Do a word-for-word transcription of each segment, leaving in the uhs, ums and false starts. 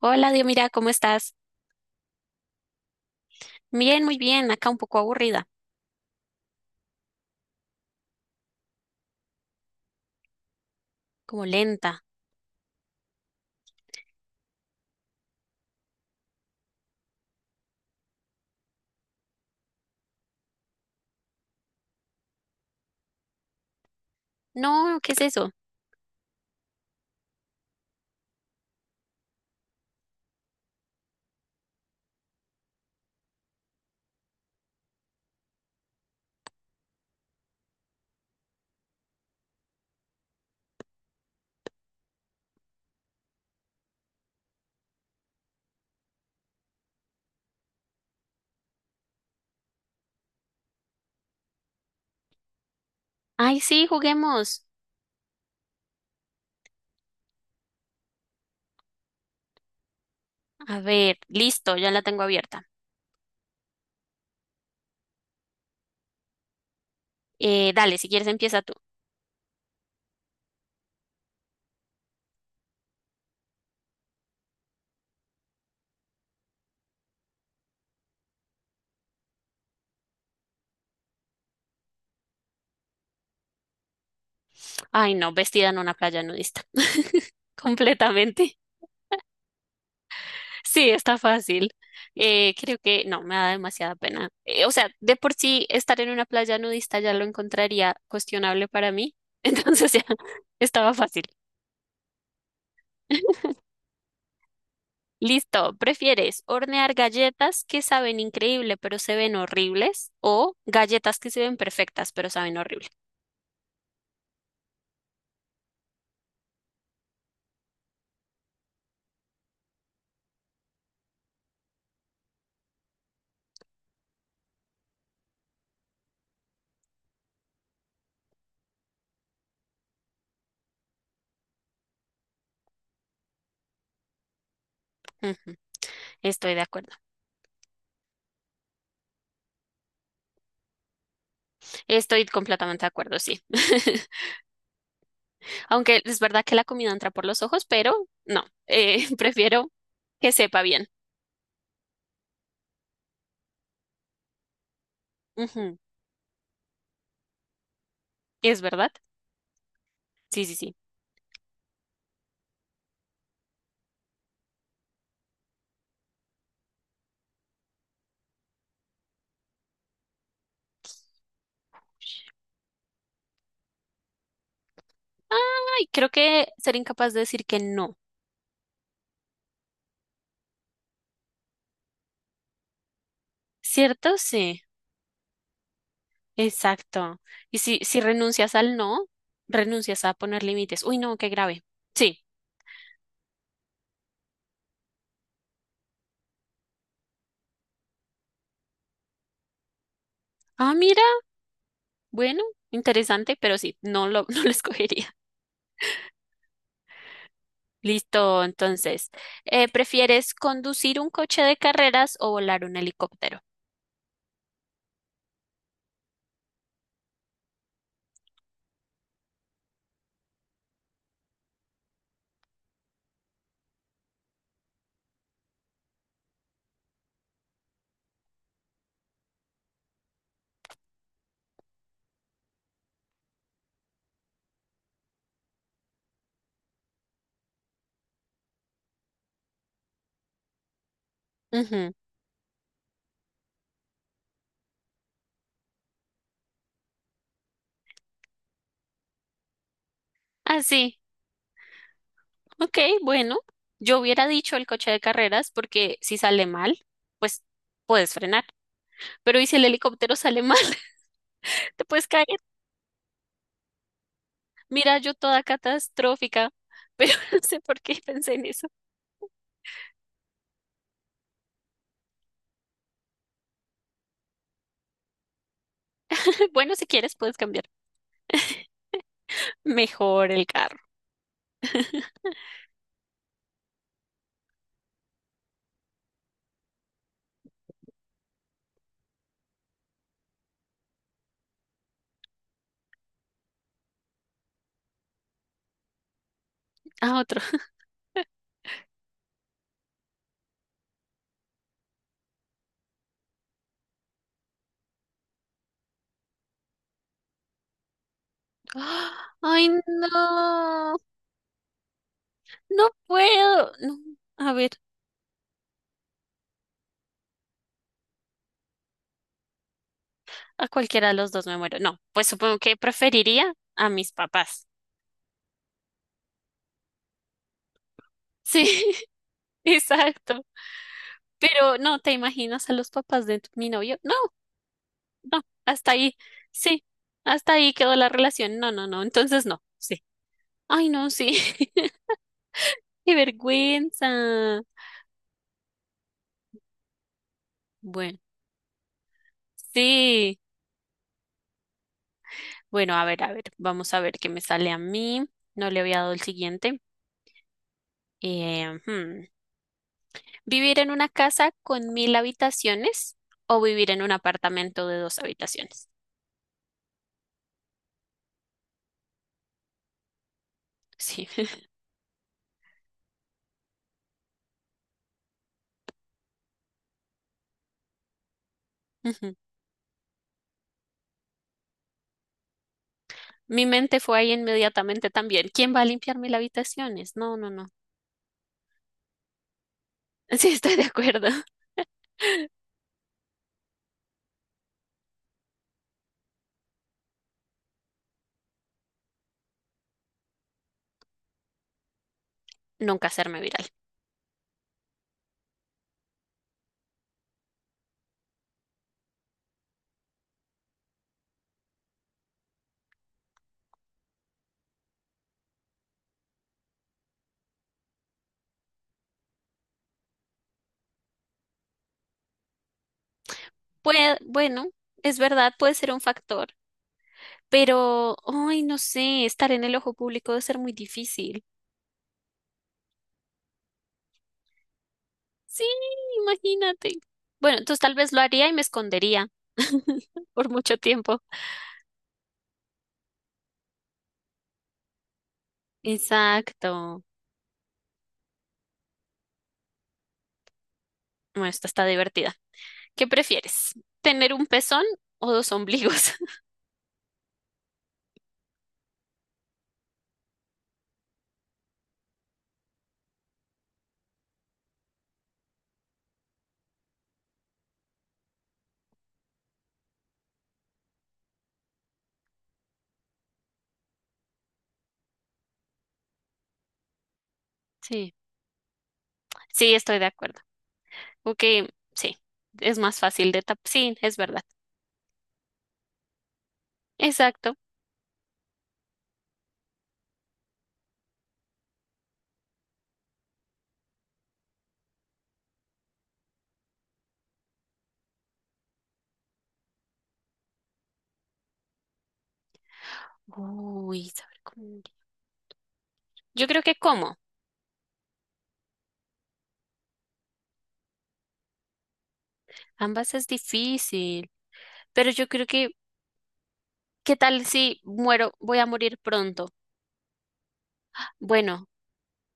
Hola, Dios, mira, ¿cómo estás? Bien, muy bien, acá un poco aburrida, como lenta. No, ¿qué es eso? Ay, sí, juguemos. A ver, listo, ya la tengo abierta. Eh, dale, si quieres empieza tú. Ay, no, vestida en una playa nudista. Completamente. Sí, está fácil. Eh, creo que no, me da demasiada pena. Eh, o sea, de por sí estar en una playa nudista ya lo encontraría cuestionable para mí, entonces ya estaba fácil. Listo, ¿prefieres hornear galletas que saben increíble pero se ven horribles o galletas que se ven perfectas pero saben horrible? Ujú, estoy de acuerdo, estoy completamente de acuerdo, sí. Aunque es verdad que la comida entra por los ojos, pero no, eh, prefiero que sepa bien. Ujú, ¿es verdad? Sí, sí, sí. Ay, creo que ser incapaz de decir que no, ¿cierto? Sí, exacto. Y si, si renuncias al no, renuncias a poner límites. Uy, no, qué grave. Sí. Ah, mira, bueno, interesante, pero sí, no lo, no lo escogería. Listo, entonces, eh, ¿prefieres conducir un coche de carreras o volar un helicóptero? Ujú. Ah, sí, ok, bueno, yo hubiera dicho el coche de carreras porque si sale mal, pues puedes frenar, pero ¿y si el helicóptero sale mal? Te puedes caer. Mira, yo toda catastrófica, pero no sé por qué pensé en eso. Bueno, si quieres, puedes cambiar. Mejor el carro. Ah, otro. ¡Ah! Ay, no. No puedo. No. A ver, a cualquiera de los dos me muero. No, pues supongo que preferiría a mis papás. Sí, exacto. Pero no, ¿te imaginas a los papás de tu- mi novio? No, no, hasta ahí. Sí, hasta ahí quedó la relación. No, no, no. Entonces no. Sí. Ay, no, sí. Qué vergüenza. Bueno, sí. Bueno, a ver, a ver. Vamos a ver qué me sale a mí. No le había dado el siguiente. Eh, hmm, ¿Vivir en una casa con mil habitaciones o vivir en un apartamento de dos habitaciones? Sí. Ujú. Mi mente fue ahí inmediatamente también. ¿Quién va a limpiar mil habitaciones? No, no, no. Sí, estoy de acuerdo. Nunca hacerme viral. Puede, bueno, es verdad, puede ser un factor, pero, ay, no sé, estar en el ojo público debe ser muy difícil. Sí, imagínate. Bueno, entonces tal vez lo haría y me escondería por mucho tiempo. Exacto. Bueno, esta está divertida. ¿Qué prefieres? ¿Tener un pezón o dos ombligos? Sí, sí, estoy de acuerdo. Ok, sí, es más fácil de tapar. Sí, es verdad. Exacto. Uy, saber cómo. Yo creo que cómo. Ambas es difícil, pero yo creo que, ¿qué tal si muero? Voy a morir pronto. Bueno,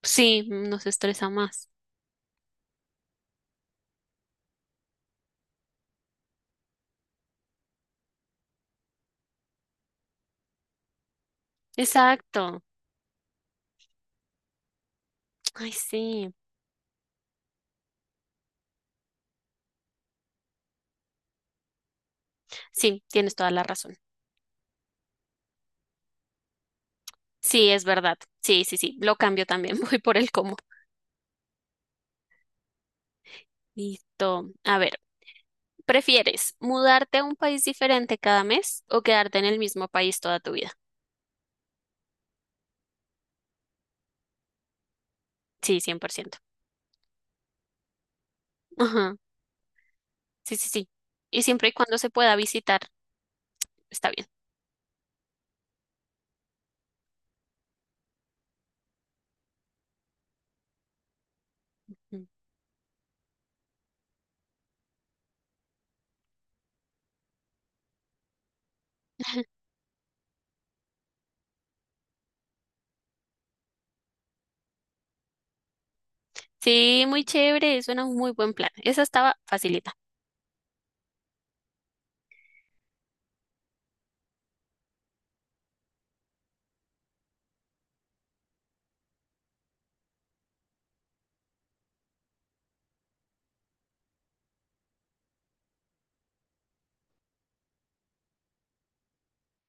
sí, nos estresa más. Exacto. Ay, sí. Sí, tienes toda la razón. Sí, es verdad. Sí, sí, sí. Lo cambio también. Voy por el cómo. Listo. A ver. ¿Prefieres mudarte a un país diferente cada mes o quedarte en el mismo país toda tu vida? Sí, cien por ciento. Ajá. Sí, sí, sí. Y siempre y cuando se pueda visitar, está bien. Mm. Sí, muy chévere, suena un muy buen plan. Esa estaba facilita.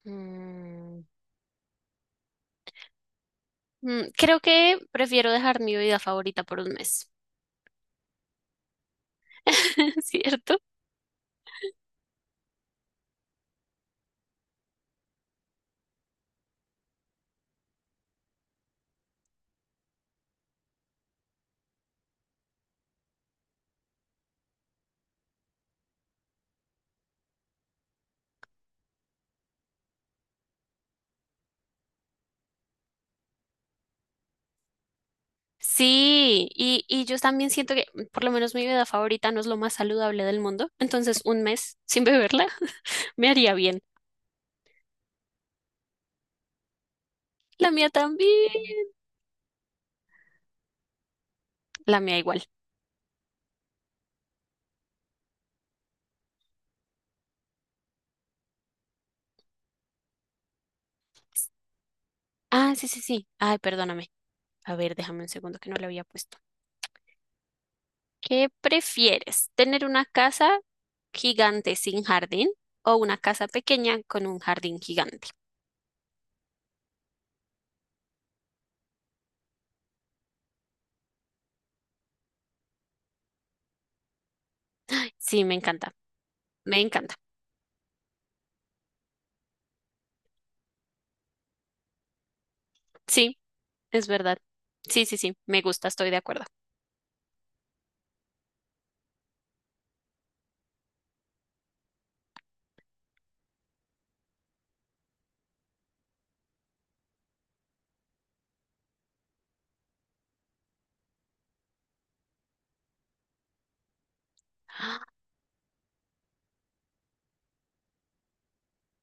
Mm, Mm, creo que prefiero dejar mi vida favorita por un mes. ¿Cierto? Sí, y, y yo también siento que mm, por lo menos mi vida favorita no es lo más saludable del mundo, entonces un mes sin beberla me haría bien. La mía también. La mía igual. Ah, sí, sí, sí. Ay, perdóname. A ver, déjame un segundo que no le había puesto. ¿Qué prefieres? ¿Tener una casa gigante sin jardín o una casa pequeña con un jardín gigante? Sí, me encanta. Me encanta. Sí, es verdad. Sí, sí, sí. Me gusta, estoy de acuerdo.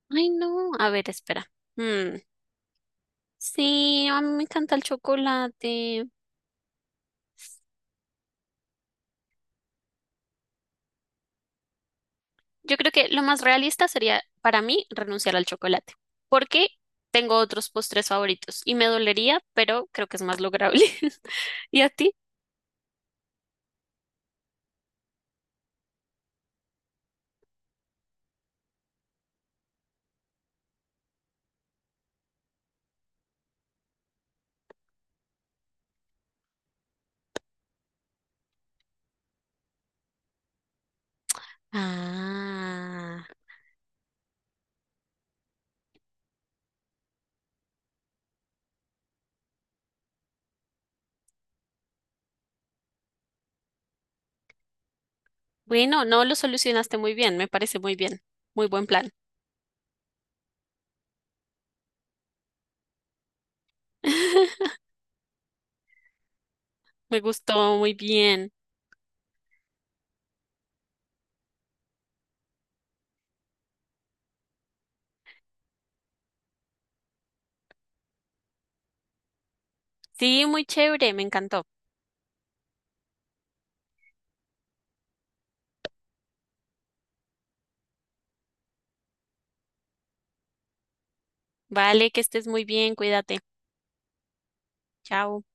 Ay, no. A ver, espera. Mm, sí, a mí me encanta el chocolate. Yo creo que lo más realista sería para mí renunciar al chocolate, porque tengo otros postres favoritos y me dolería, pero creo que es más lograble. ¿Y a ti? Ah, bueno, no lo solucionaste muy bien, me parece muy bien, muy buen plan. Me gustó muy bien. Sí, muy chévere, me encantó. Vale, que estés muy bien, cuídate. Chao.